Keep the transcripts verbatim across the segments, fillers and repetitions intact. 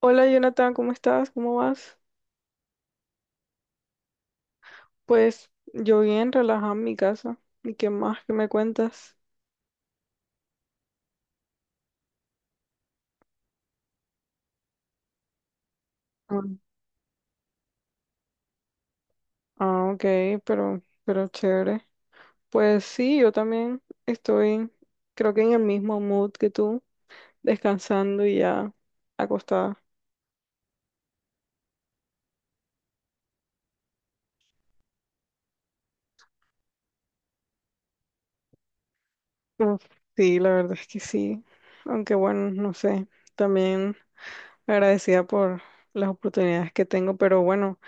Hola Jonathan, ¿cómo estás? ¿Cómo vas? Pues yo bien, relajada en mi casa. ¿Y qué más que me cuentas? Ah, Ah, ok, pero, pero chévere. Pues sí, yo también estoy, creo que en el mismo mood que tú, descansando y ya acostada. Uf, sí, la verdad es que sí. Aunque bueno, no sé, también agradecida por las oportunidades que tengo, pero bueno,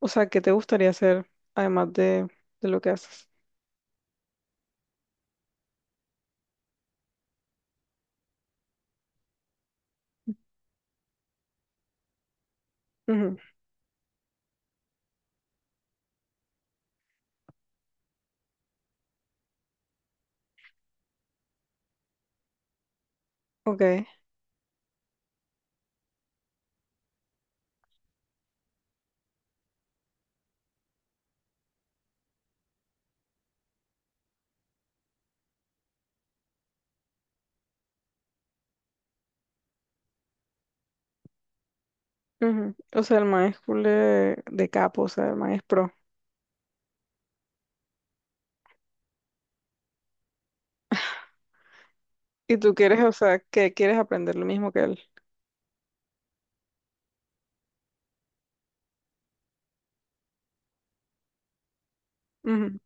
o sea, ¿qué te gustaría hacer además de, de lo que haces? Ujú, ok. Ujú. O sea, el man es cool de, de capo, o sea, el man es pro. Y tú quieres, o sea, que quieres aprender lo mismo que él. Ujú,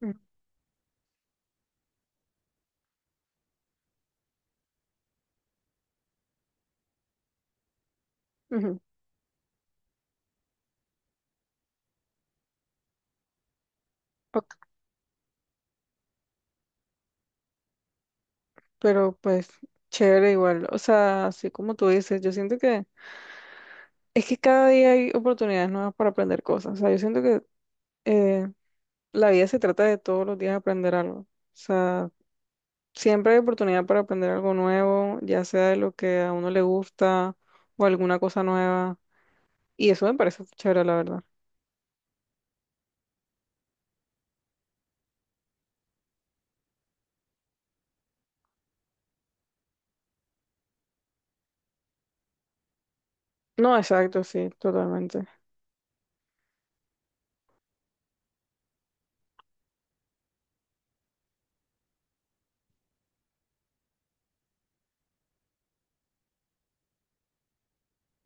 ujú, ujú. Ok, pero pues, chévere igual. O sea, así como tú dices, yo siento que es que cada día hay oportunidades nuevas para aprender cosas. O sea, yo siento que eh, la vida se trata de todos los días aprender algo. O sea, siempre hay oportunidad para aprender algo nuevo, ya sea de lo que a uno le gusta o alguna cosa nueva. Y eso me parece chévere, la verdad. No, exacto, sí, totalmente.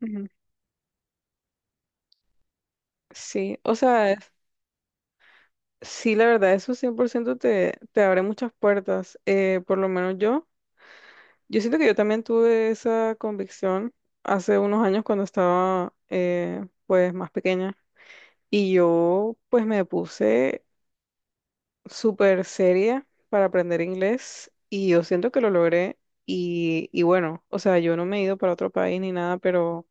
Ujú. Sí, o sea, es- sí, la verdad, eso cien por ciento te, te abre muchas puertas. Eh, por lo menos yo, yo siento que yo también tuve esa convicción hace unos años cuando estaba eh, pues más pequeña y yo pues me puse súper seria para aprender inglés y yo siento que lo logré y, y bueno, o sea, yo no me he ido para otro país ni nada, pero...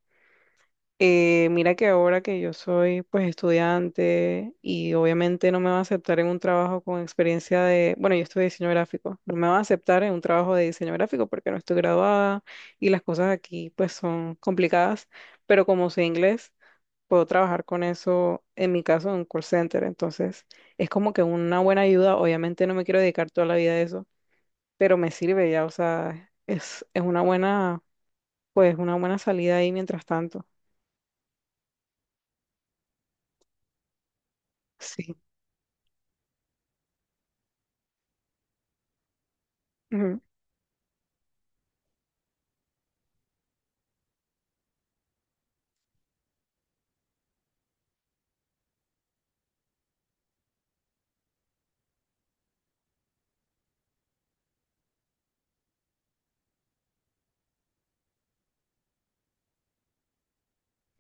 Eh, mira que ahora que yo soy pues estudiante y obviamente no me va a aceptar en un trabajo con experiencia de, bueno, yo estudio diseño gráfico, no me va a aceptar en un trabajo de diseño gráfico porque no estoy graduada y las cosas aquí pues son complicadas, pero como sé inglés, puedo trabajar con eso, en mi caso, en un call center, entonces es como que una buena ayuda, obviamente no me quiero dedicar toda la vida a eso, pero me sirve ya, o sea, es, es una buena, pues una buena salida ahí mientras tanto, sí.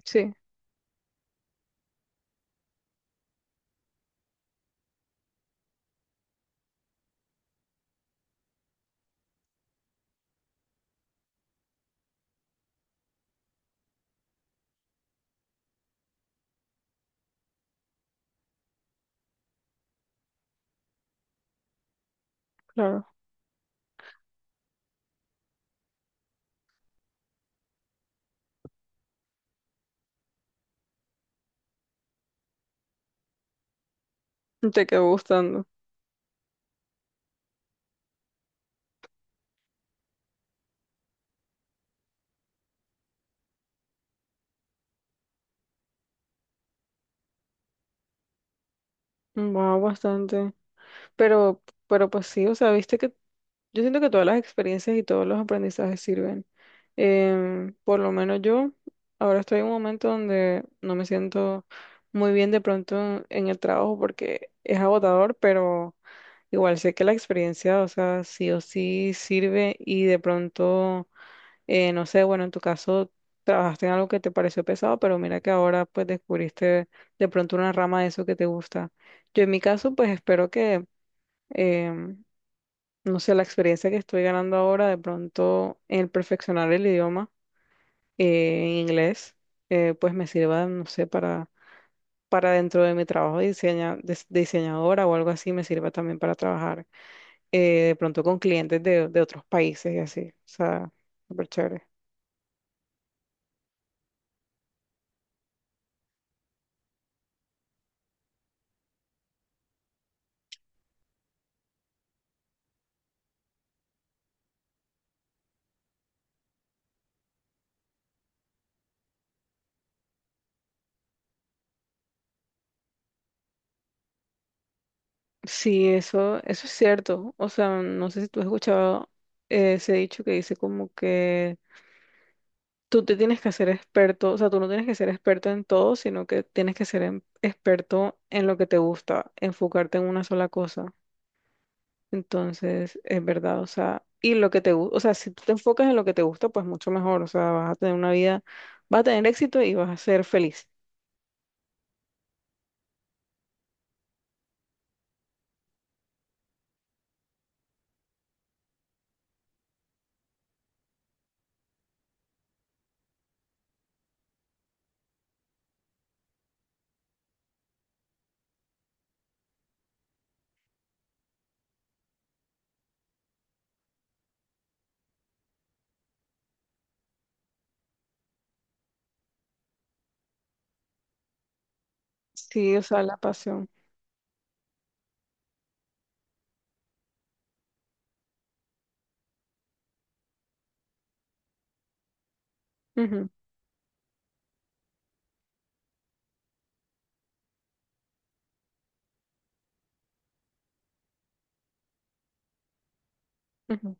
Sí, claro. Te quedó gustando. Wow, bastante. Pero, pero pues sí, o sea, viste que yo siento que todas las experiencias y todos los aprendizajes sirven. Em, por lo menos yo ahora estoy en un momento donde no me siento muy bien de pronto en, en el trabajo porque es agotador, pero igual sé que la experiencia, o sea, sí o sí sirve y de pronto Eh, no sé, bueno, en tu caso trabajaste en algo que te pareció pesado, pero mira que ahora pues descubriste de pronto una rama de eso que te gusta. Yo en mi caso pues espero que, em, no sé, la experiencia que estoy ganando ahora de pronto en el perfeccionar el idioma eh, en inglés, eh, pues me sirva, no sé, para, para dentro de mi trabajo de, diseña- de- de diseñadora o algo así, me sirva también para trabajar eh, de pronto con clientes de, de otros países y así. O sea, súper chévere. Sí, eso, eso es cierto. O sea, no sé si tú has escuchado ese dicho que dice como que tú te tienes que hacer experto, o sea, tú no tienes que ser experto en todo, sino que tienes que ser em- experto en lo que te gusta, enfocarte en una sola cosa. Entonces, es verdad, o sea, y lo que te gusta, o sea, si tú te enfocas en lo que te gusta, pues mucho mejor, o sea, vas a tener una vida, vas a tener éxito y vas a ser feliz. Sí, o sea, la pasión. Ujú, ujú,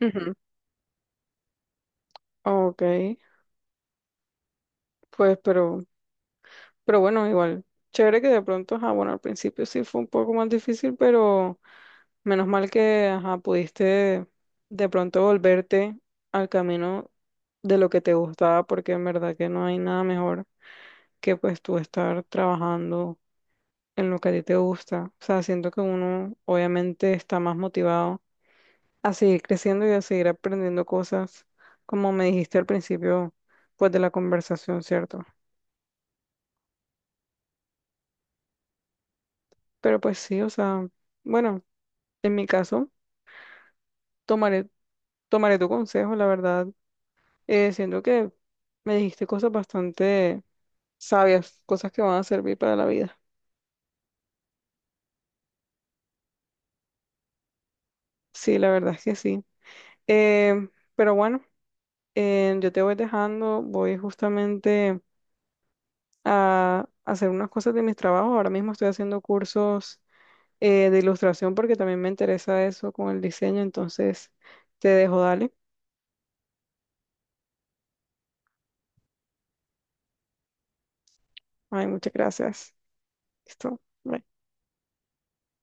ujú. Ok, pues, pero... Pero bueno, igual, chévere que de pronto, ajá, bueno, al principio sí fue un poco más difícil, pero menos mal que, ajá, pudiste de pronto volverte al camino de lo que te gustaba, porque en verdad que no hay nada mejor que pues tú estar trabajando en lo que a ti te gusta. O sea, siento que uno obviamente está más motivado a seguir creciendo y a seguir aprendiendo cosas, como me dijiste al principio, pues de la conversación, ¿cierto? Pero pues sí, o sea, bueno, en mi caso. Tomaré, tomaré tu consejo, la verdad. Eh, siento que me dijiste cosas bastante sabias, cosas que van a servir para la vida. Sí, la verdad es que sí. Em, pero bueno, em, yo te voy dejando, voy justamente a hacer unas cosas de mis trabajos. Ahora mismo estoy haciendo cursos eh, de ilustración porque también me interesa eso con el diseño, entonces te dejo, dale. Ay, muchas gracias. Listo. Bye.